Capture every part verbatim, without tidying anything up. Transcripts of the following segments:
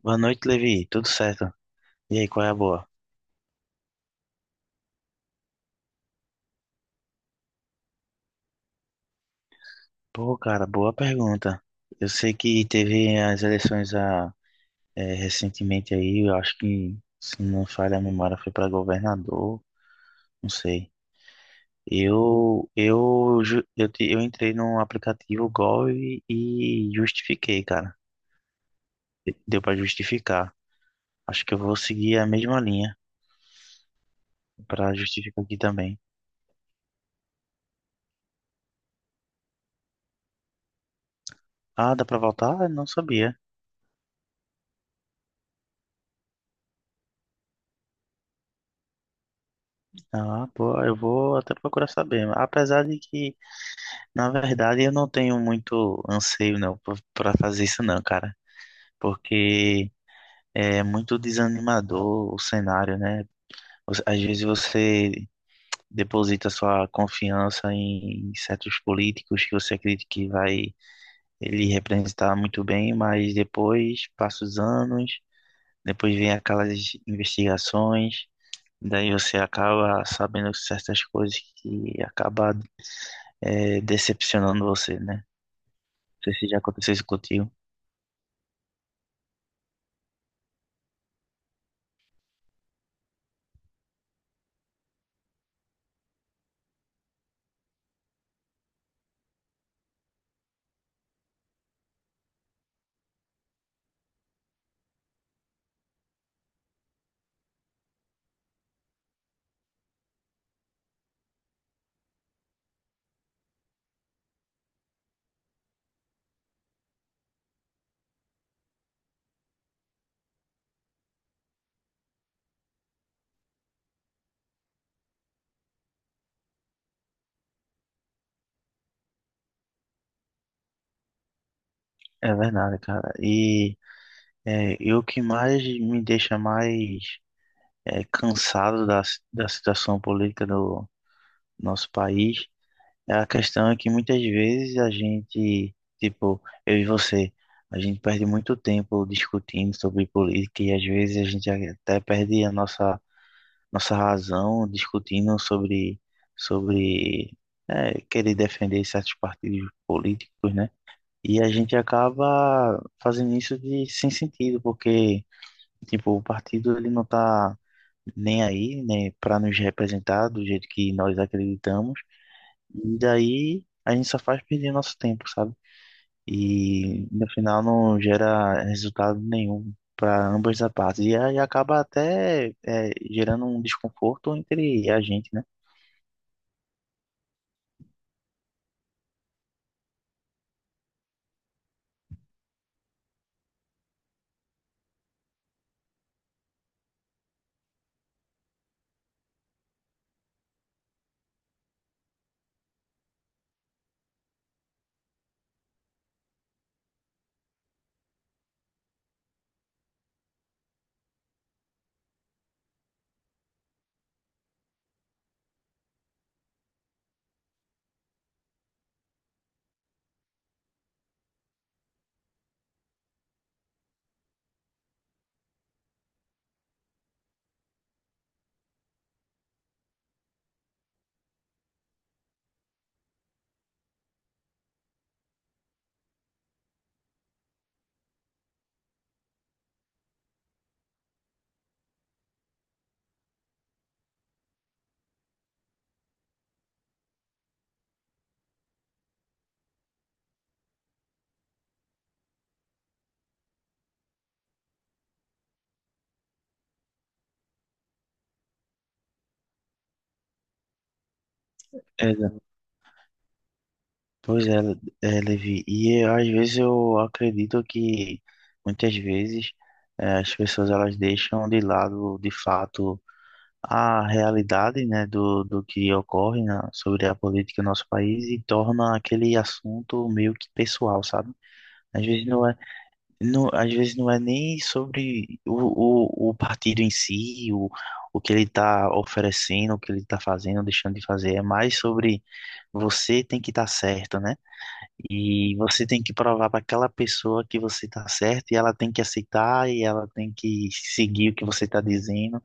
Boa noite, Levi. Tudo certo? E aí, qual é a boa? Pô, cara, boa pergunta. Eu sei que teve as eleições a, eh, recentemente aí, eu acho que, se não falha a memória, foi para governador, não sei. Eu, eu, ju- eu, te- eu entrei no aplicativo Gol e, e justifiquei, cara. Deu para justificar. Acho que eu vou seguir a mesma linha para justificar aqui também. Ah, dá para voltar? Não sabia. Ah, pô, eu vou até procurar saber. Apesar de que, na verdade, eu não tenho muito anseio não para fazer isso não, cara, porque é muito desanimador o cenário, né? Você- Às vezes você deposita sua confiança em certos políticos que você acredita que vai ele representar muito bem, mas depois passa os anos, depois vem aquelas investigações, daí você acaba sabendo certas coisas que acaba é, decepcionando você, né? Não sei se já aconteceu isso contigo. É verdade, cara. E é, e o que mais me deixa mais é, cansado da, si- da situação política do nosso país é a questão é que muitas vezes a gente, tipo, eu e você, a gente perde muito tempo discutindo sobre política e às vezes a gente até perde a nossa, nossa razão discutindo sobre, sobre é, querer defender certos partidos políticos, né? E a gente acaba fazendo isso de sem sentido, porque, tipo, o partido ele não tá nem aí, né, para nos representar do jeito que nós acreditamos. E daí a gente só faz perder nosso tempo, sabe? E no final não gera resultado nenhum para ambas as partes. E aí acaba até é, gerando um desconforto entre a gente, né? Pois é, Le- é, Levi. E às vezes eu acredito que muitas vezes eh, as pessoas elas deixam de lado de fato a realidade, né, do, do que ocorre na- sobre a política no nosso país e torna aquele assunto meio que pessoal, sabe? Às vezes não é, não, às vezes não é nem sobre o, o, o partido em si, o, o que ele está oferecendo, o que ele está fazendo, deixando de fazer, é mais sobre você tem que estar certo, né? E você tem que provar para aquela pessoa que você tá certo e ela tem que aceitar e ela tem que seguir o que você tá dizendo.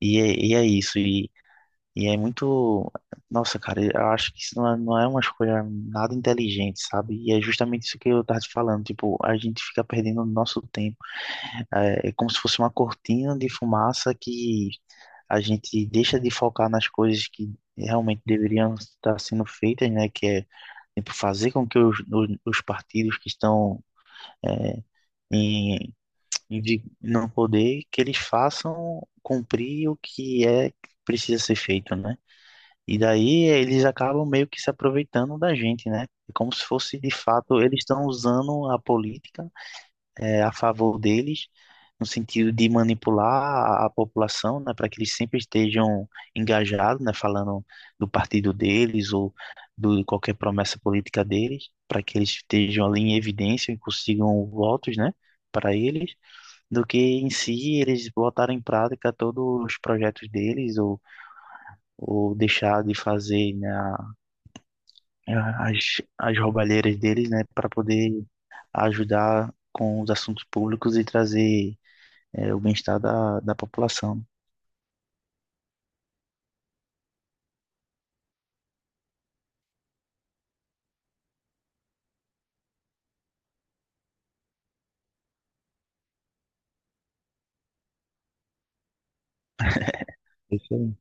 E é, e é isso. E, e é muito. Nossa, cara, eu acho que isso não é, não é uma escolha nada inteligente, sabe? E é justamente isso que eu tava te falando. Tipo, a gente fica perdendo o nosso tempo. É, é como se fosse uma cortina de fumaça que a gente deixa de focar nas coisas que realmente deveriam estar sendo feitas, né? Que é, tipo, fazer com que os, os, os partidos que estão é, em, em vi- no poder, que eles façam cumprir o que é que precisa ser feito, né? E daí eles acabam meio que se aproveitando da gente, né? É como se fosse de fato, eles estão usando a política é, a favor deles, no sentido de manipular a, a população, né, para que eles sempre estejam engajados, né, falando do partido deles ou do, de qualquer promessa política deles, para que eles estejam ali em evidência e consigam votos, né, para eles, do que em si eles botarem em prática todos os projetos deles ou, ou deixar de fazer, né, a- as, as roubalheiras deles, né, para poder ajudar com os assuntos públicos e trazer é, o bem-estar da, da população. É isso aí.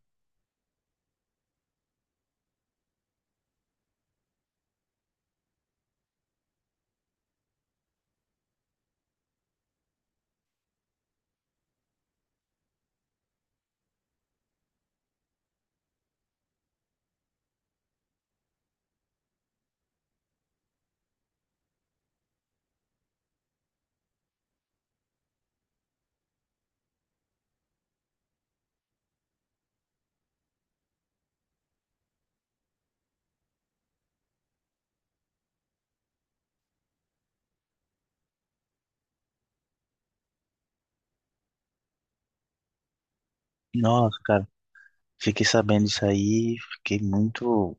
Nossa, cara, fiquei sabendo isso aí, fiquei muito,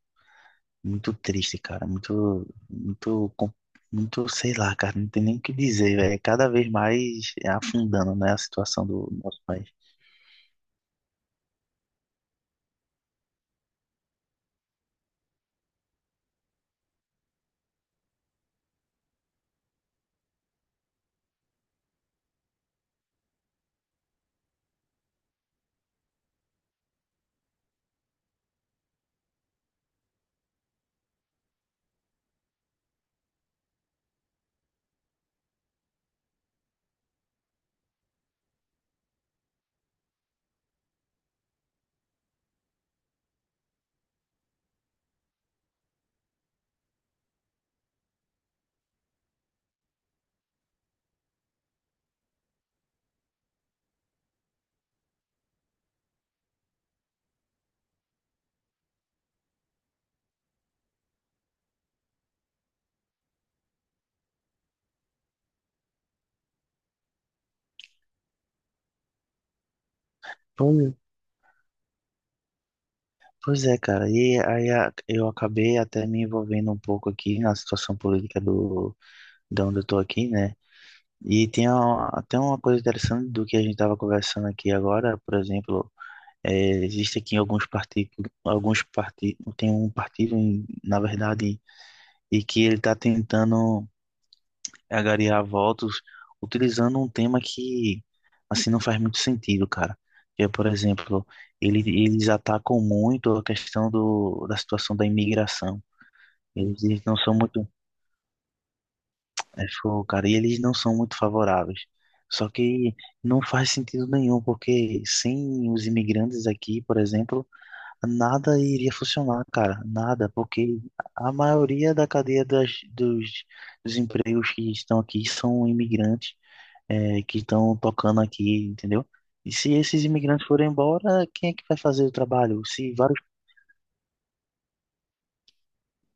muito triste, cara, muito, muito, com- muito, sei lá, cara, não tem nem o que dizer, velho. Cada vez mais é afundando, né, a situação do nosso país. Pois, pois é, cara, e aí a- eu acabei até me envolvendo um pouco aqui na situação política do, de onde eu tô aqui, né? E tem uma- até uma coisa interessante do que a gente tava conversando aqui agora, por exemplo. É, existe aqui alguns partidos, alguns partidos, tem um partido, um, na verdade, e que ele está tentando angariar votos utilizando um tema que, assim, não faz muito sentido, cara. Que é, por exemplo, ele, eles atacam muito a questão do, da situação da imigração. Eles, eles não são muito, é, foi, cara, e eles não são muito favoráveis. Só que não faz sentido nenhum, porque sem os imigrantes aqui, por exemplo, nada iria funcionar, cara, nada, porque a maioria da cadeia das, dos, dos empregos que estão aqui são imigrantes, é, que estão tocando aqui, entendeu? E se esses imigrantes forem embora, quem é que vai fazer o trabalho? Se vários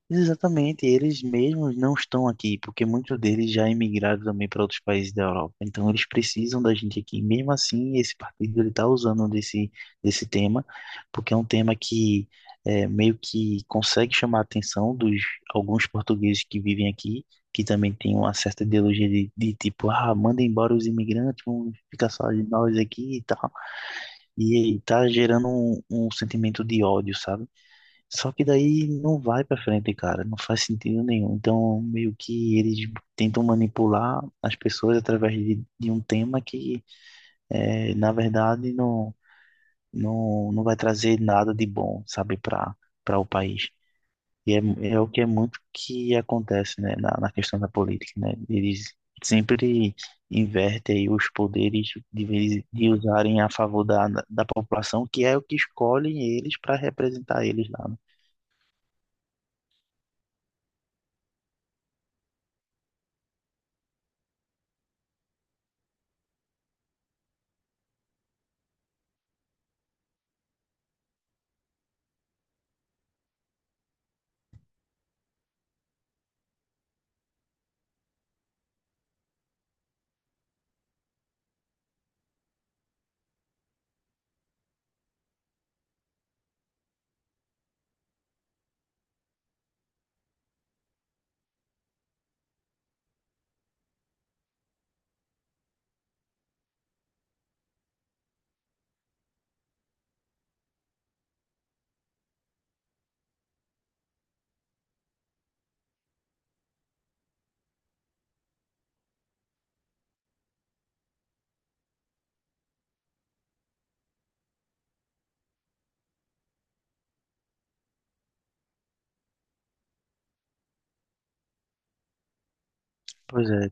Exatamente, eles mesmos não estão aqui, porque muitos deles já emigraram também para outros países da Europa. Então eles precisam da gente aqui. Mesmo assim, esse partido ele está usando desse, desse tema, porque é um tema que é, meio que consegue chamar a atenção dos alguns portugueses que vivem aqui, que também têm uma certa ideologia de, de tipo, ah, manda embora os imigrantes, vamos ficar só nós aqui e tal. E está gerando um, um sentimento de ódio, sabe? Só que daí não vai pra frente, cara, não faz sentido nenhum. Então, meio que eles tentam manipular as pessoas através de, de um tema que, eh, na verdade, não, não, não vai trazer nada de bom, sabe, para para o país. E é, é o que é muito que acontece, né, na, na questão da política, né? Eles sempre invertem aí os poderes de, vez- de usarem a favor da, da população, que é o que escolhem eles para representar eles lá, né? Pois é.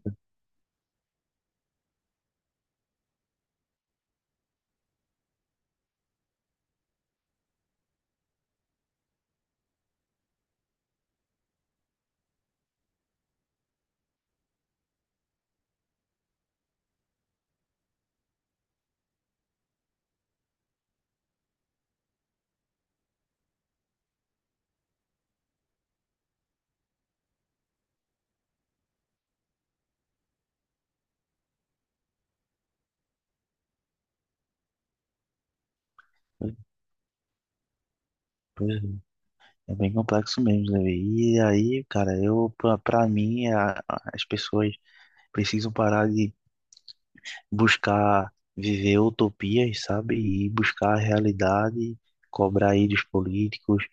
Pois é, é bem complexo mesmo, Levi. E aí, cara, eu, pra, pra mim, é a- a- as pessoas precisam parar de buscar viver utopias, sabe? E buscar a realidade, cobrar aí dos políticos,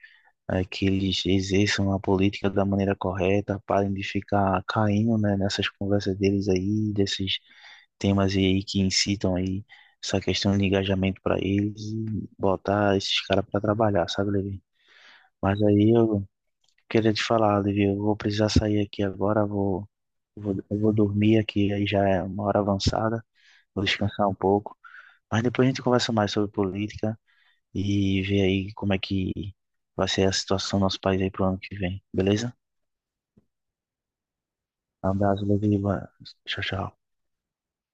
eh, que eles exerçam a política da maneira correta, parem de ficar caindo, né, nessas conversas deles aí, desses temas aí que incitam aí essa questão de engajamento para eles e botar esses caras para trabalhar, sabe, Levi? Mas aí eu queria te falar, Olivia, eu vou precisar sair aqui agora, vou, vou, eu vou dormir aqui, aí já é uma hora avançada, vou descansar um pouco, mas depois a gente conversa mais sobre política e vê aí como é que vai ser a situação do nosso país aí pro ano que vem, beleza? Um abraço, Olivia, tchau, tchau.